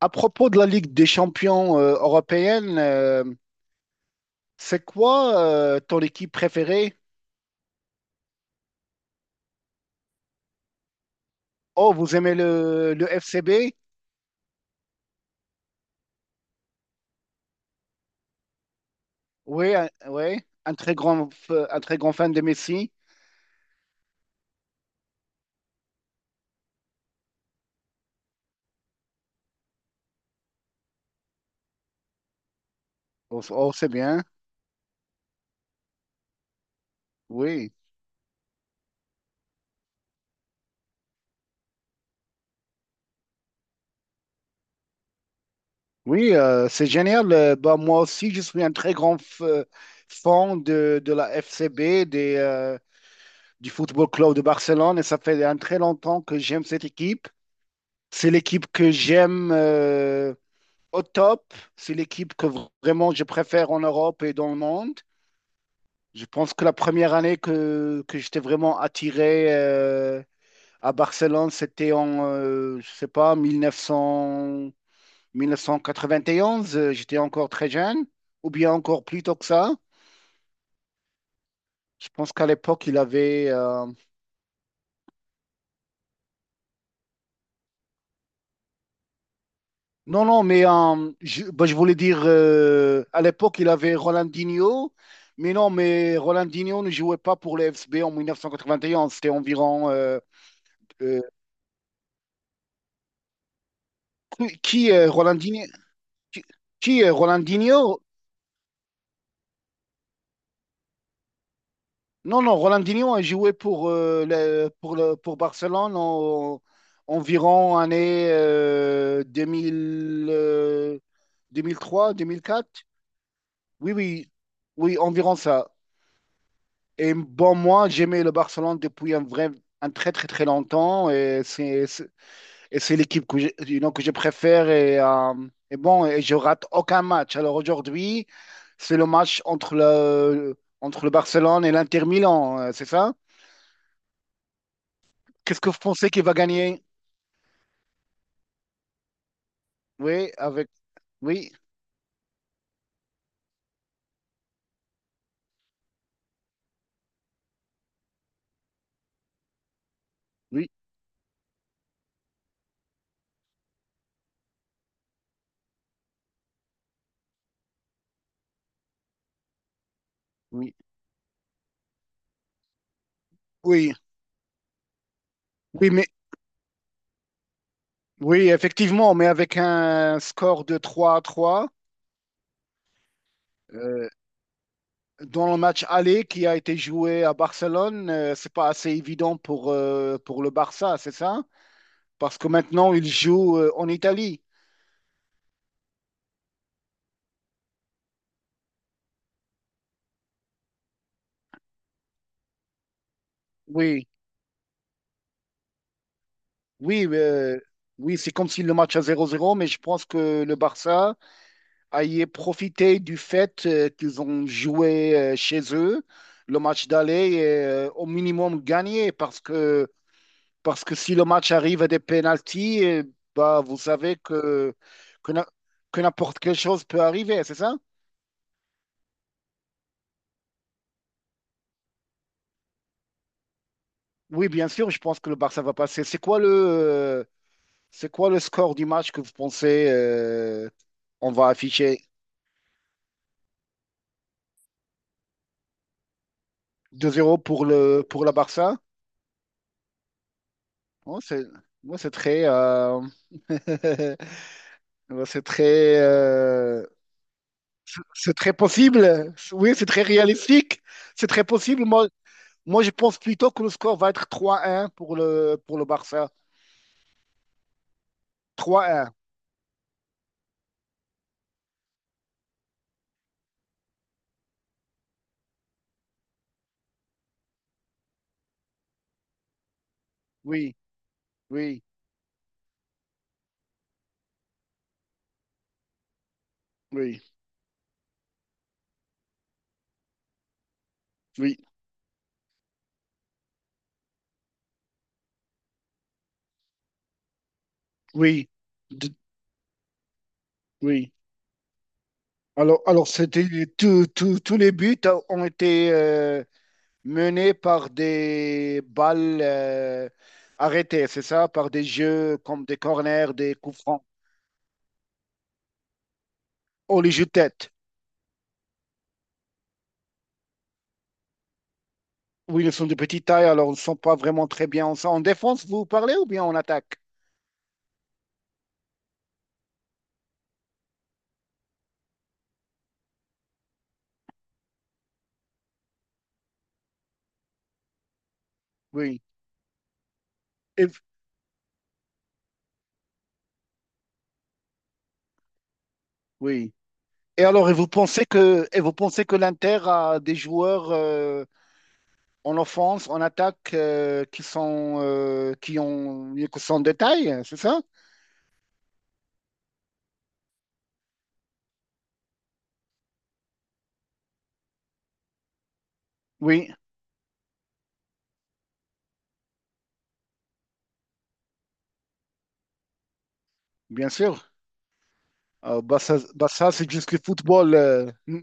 À propos de la Ligue des champions européenne, c'est quoi ton équipe préférée? Oh, vous aimez le FCB? Oui, un très grand fan de Messi. Oh, c'est bien. Oui, oui, c'est génial. Bah, moi aussi, je suis un très grand fan de la FCB, du Football Club de Barcelone, et ça fait un très longtemps que j'aime cette équipe. C'est l'équipe que j'aime, au top. C'est l'équipe que vraiment je préfère en Europe et dans le monde. Je pense que la première année que j'étais vraiment attiré à Barcelone, c'était en, je sais pas, 1900, 1991. J'étais encore très jeune, ou bien encore plus tôt que ça. Je pense qu'à l'époque, il avait, non, non, mais je voulais dire, à l'époque, il avait Ronaldinho, mais non, mais Ronaldinho ne jouait pas pour le FSB en 1991, c'était environeuh, qui est Ronaldinho? Qui, qui est Ronaldinho? Non, non, Ronaldinho a joué pour, pour Barcelone en, environ année 2000, 2003, 2004. Oui, oui, oui, environ ça. Et bon, moi, j'aimais le Barcelone depuis un très, très, très longtemps. Et c'est l'équipe que j'ai, que je préfère. Et je rate aucun match. Alors aujourd'hui, c'est le match entre le Barcelone et l'Inter Milan, c'est ça? Qu'est-ce que vous pensez qu'il va gagner? Oui, avec, oui, oui, oui, oui, oui, mais, oui, effectivement, mais avec un score de 3-3, euh, dans le match aller qui a été joué à Barcelone, c'est pas assez évident pour le Barça, c'est ça? Parce que maintenant, il joue en Italie. Oui, oui, oui, c'est comme si le match à 0-0. Mais je pense que le Barça a y profité du fait qu'ils ont joué chez eux le match d'aller et au minimum gagné, parce que si le match arrive à des pénaltys, eh, bah, vous savez que, na- que n'importe quelle chose peut arriver, c'est ça? Oui, bien sûr, je pense que le Barça va passer. C'est quoi le score du match que vous pensez on va afficher 2 zéro pour le pour la Barça? Oh, c'est, Moi, c'est très, moi, c'est très, c'est très possible. Oui, c'est très réalistique. C'est très possible. Moi, je pense plutôt que le score va être 3-1 pour le Barça. 3-1. Oui, oui, oui, oui, oui, d- oui. Alors, c'était tous les buts ont été menés par des balles arrêtées, c'est ça, par des jeux comme des corners, des coups francs. Oh, les jeux de tête. Oui, ils sont de petite taille, alors ils ne sont pas vraiment très bien. En défense, vous parlez ou bien en attaque? Oui. Et, v- oui. Et alors, et vous pensez que l'Inter a des joueurs en offense, en attaque, qui sont de taille, c'est ça? Oui. Bien sûr. Ah, bah ça c'est juste le football. Mm.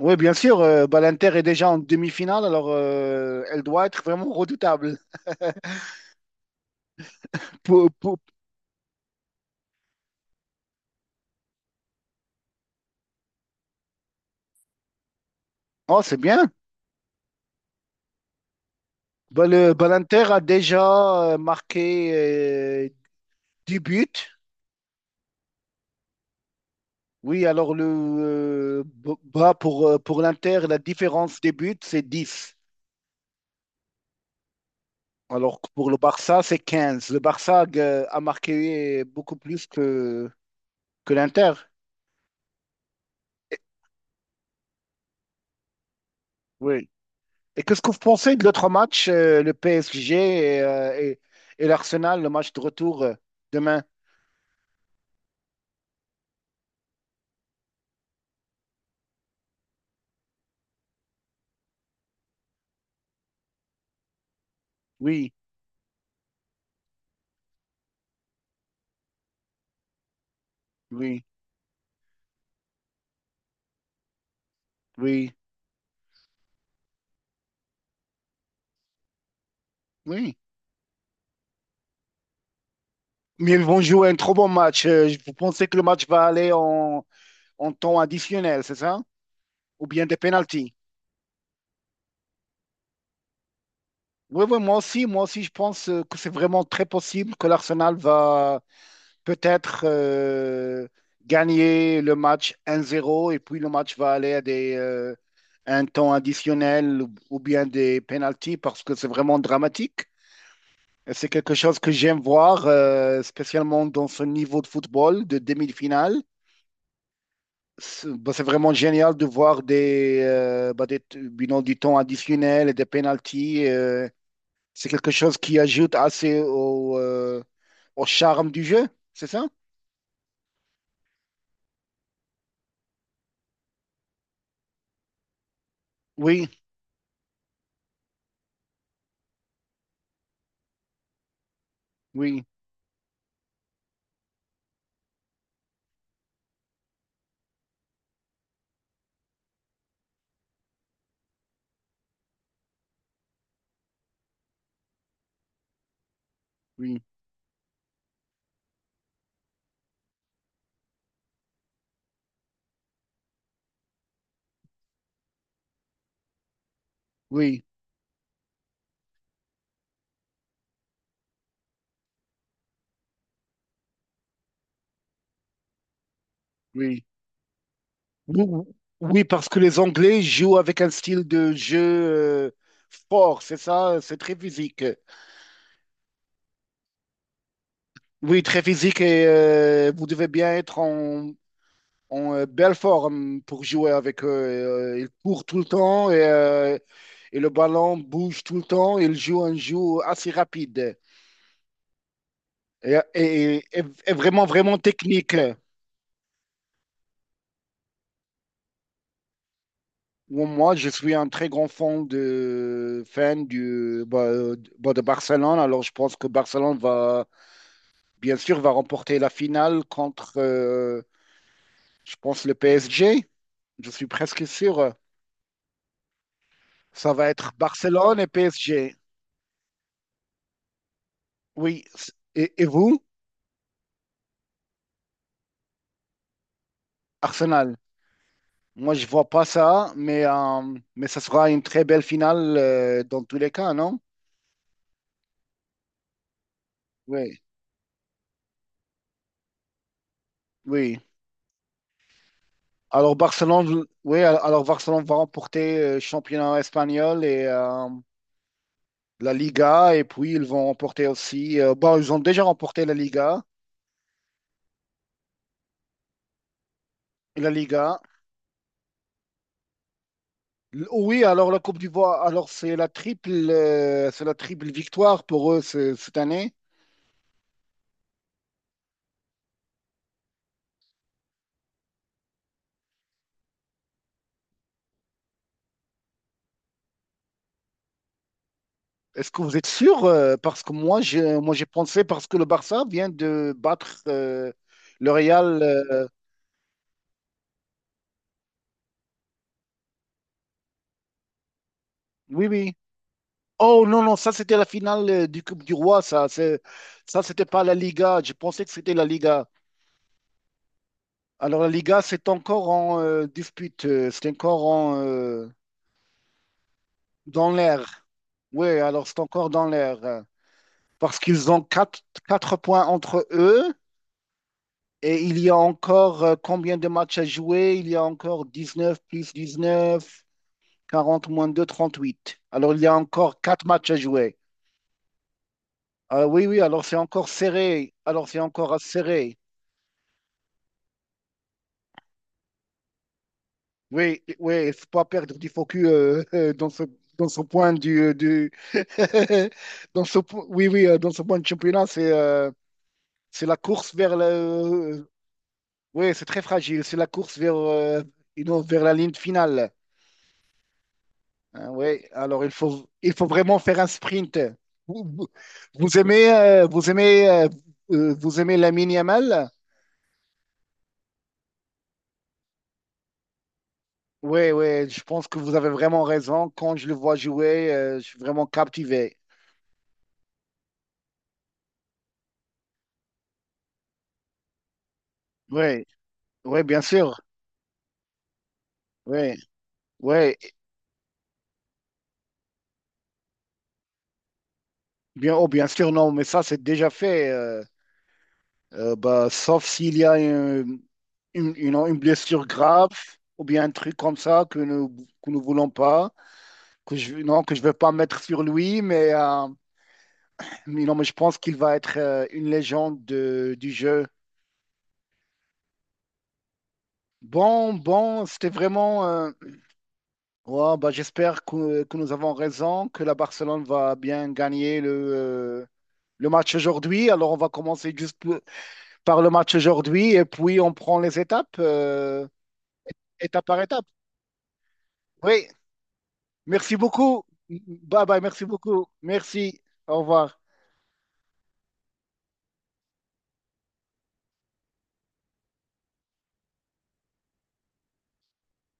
Oui, bien sûr, bah, l'Inter est déjà en demi-finale, alors elle doit être vraiment redoutable. Pou- pou- Oh, c'est bien. Bah, l'Inter a déjà marqué 10 buts. Oui, bah, pour l'Inter, la différence des buts, c'est 10. Alors que pour le Barça, c'est 15. Le Barça a marqué beaucoup plus que l'Inter. Oui. Et qu'est-ce que vous pensez de l'autre match, le PSG et, euh, et- et l'Arsenal, le match de retour demain? Oui, oui, oui, oui. Mais ils vont jouer un trop bon match. Vous pensez que le match va aller en temps additionnel, c'est ça? Ou bien des pénaltys? Oui, oui, moi aussi, je pense que c'est vraiment très possible que l'Arsenal va, peut-être gagner le match 1-0 et puis le match va aller à un temps additionnel ou bien des pénalties parce que c'est vraiment dramatique. Et c'est quelque chose que j'aime voir, spécialement dans ce niveau de football de demi-finale. C'est vraiment génial de voir des, bah, des t- du nom du temps additionnel et des pénalties. C'est quelque chose qui ajoute assez au charme du jeu, c'est ça? Oui, oui, oui. Oui, oui. Ou- Oui, parce que les Anglais jouent avec un style de jeu fort, c'est ça, c'est très physique. Oui, très physique et vous devez bien être en belle forme pour jouer avec eux. Ils courent tout le temps et le ballon bouge tout le temps. Ils jouent un jeu assez rapide et vraiment, vraiment technique. Ou Moi, je suis un très grand fan de, fan du, bah, de Barcelone. Alors, je pense que Barcelone va, bien sûr, va remporter la finale contre, je pense, le PSG. Je suis presque sûr. Ça va être Barcelone et PSG. Oui. Et vous, Arsenal? Moi, je vois pas ça, mais ça sera une très belle finale, dans tous les cas, non? Oui, oui. Alors Barcelone va remporter le championnat espagnol et, la Liga et puis ils vont remporter aussi. Bon, ils ont déjà remporté la Liga. La Liga. Oui, alors la Coupe d'Ivoire, c'est la triple victoire pour eux cette année. Est-ce que vous êtes sûr? Parce que moi, moi, j'ai pensé parce que le Barça vient de battre le Real. Oui, oui. Oh non, non, ça c'était la finale du Coupe du Roi. Ça c'était pas la Liga. Je pensais que c'était la Liga. Alors la Liga, c'est encore en dispute. C'est encore dans l'air. Oui, alors c'est encore dans l'air. Parce qu'ils ont 4 points entre eux et il y a encore combien de matchs à jouer? Il y a encore 19 plus 19, 40 moins 2, 38. Alors il y a encore 4 matchs à jouer. Ah oui, oui, alors c'est encore serré. Alors c'est encore serré. Oui, oui, il ne faut pas perdre du focus dans ce point du... Oui, oui, dans ce point de championnat, c'est c'est la course vers le. Oui, c'est très fragile. C'est la course vers, vers la ligne finale. Hein, oui, alors il faut vraiment faire un sprint. Vous, vous- vous aimez, vous aimez, Vous aimez Lamine Yamal? Oui, oui, je pense que vous avez vraiment raison. Quand je le vois jouer, je suis vraiment captivé. Oui, oui, bien sûr. Oui, oui, oh, bien sûr, non, mais ça, c'est déjà fait. Bah, sauf s'il y a une blessure grave ou bien un truc comme ça que nous, voulons pas, que je, non, que je vais pas mettre sur lui, mais non, mais je pense qu'il va être une légende du jeu. Bon, c'était vraiment. Ouais, bah, j'espère que nous avons raison, que la Barcelone va bien gagner le match aujourd'hui. Alors, on va commencer juste par le match aujourd'hui et puis on prend les étapes, étape par étape. Oui. Merci beaucoup. Bye bye, merci beaucoup. Merci. Au revoir.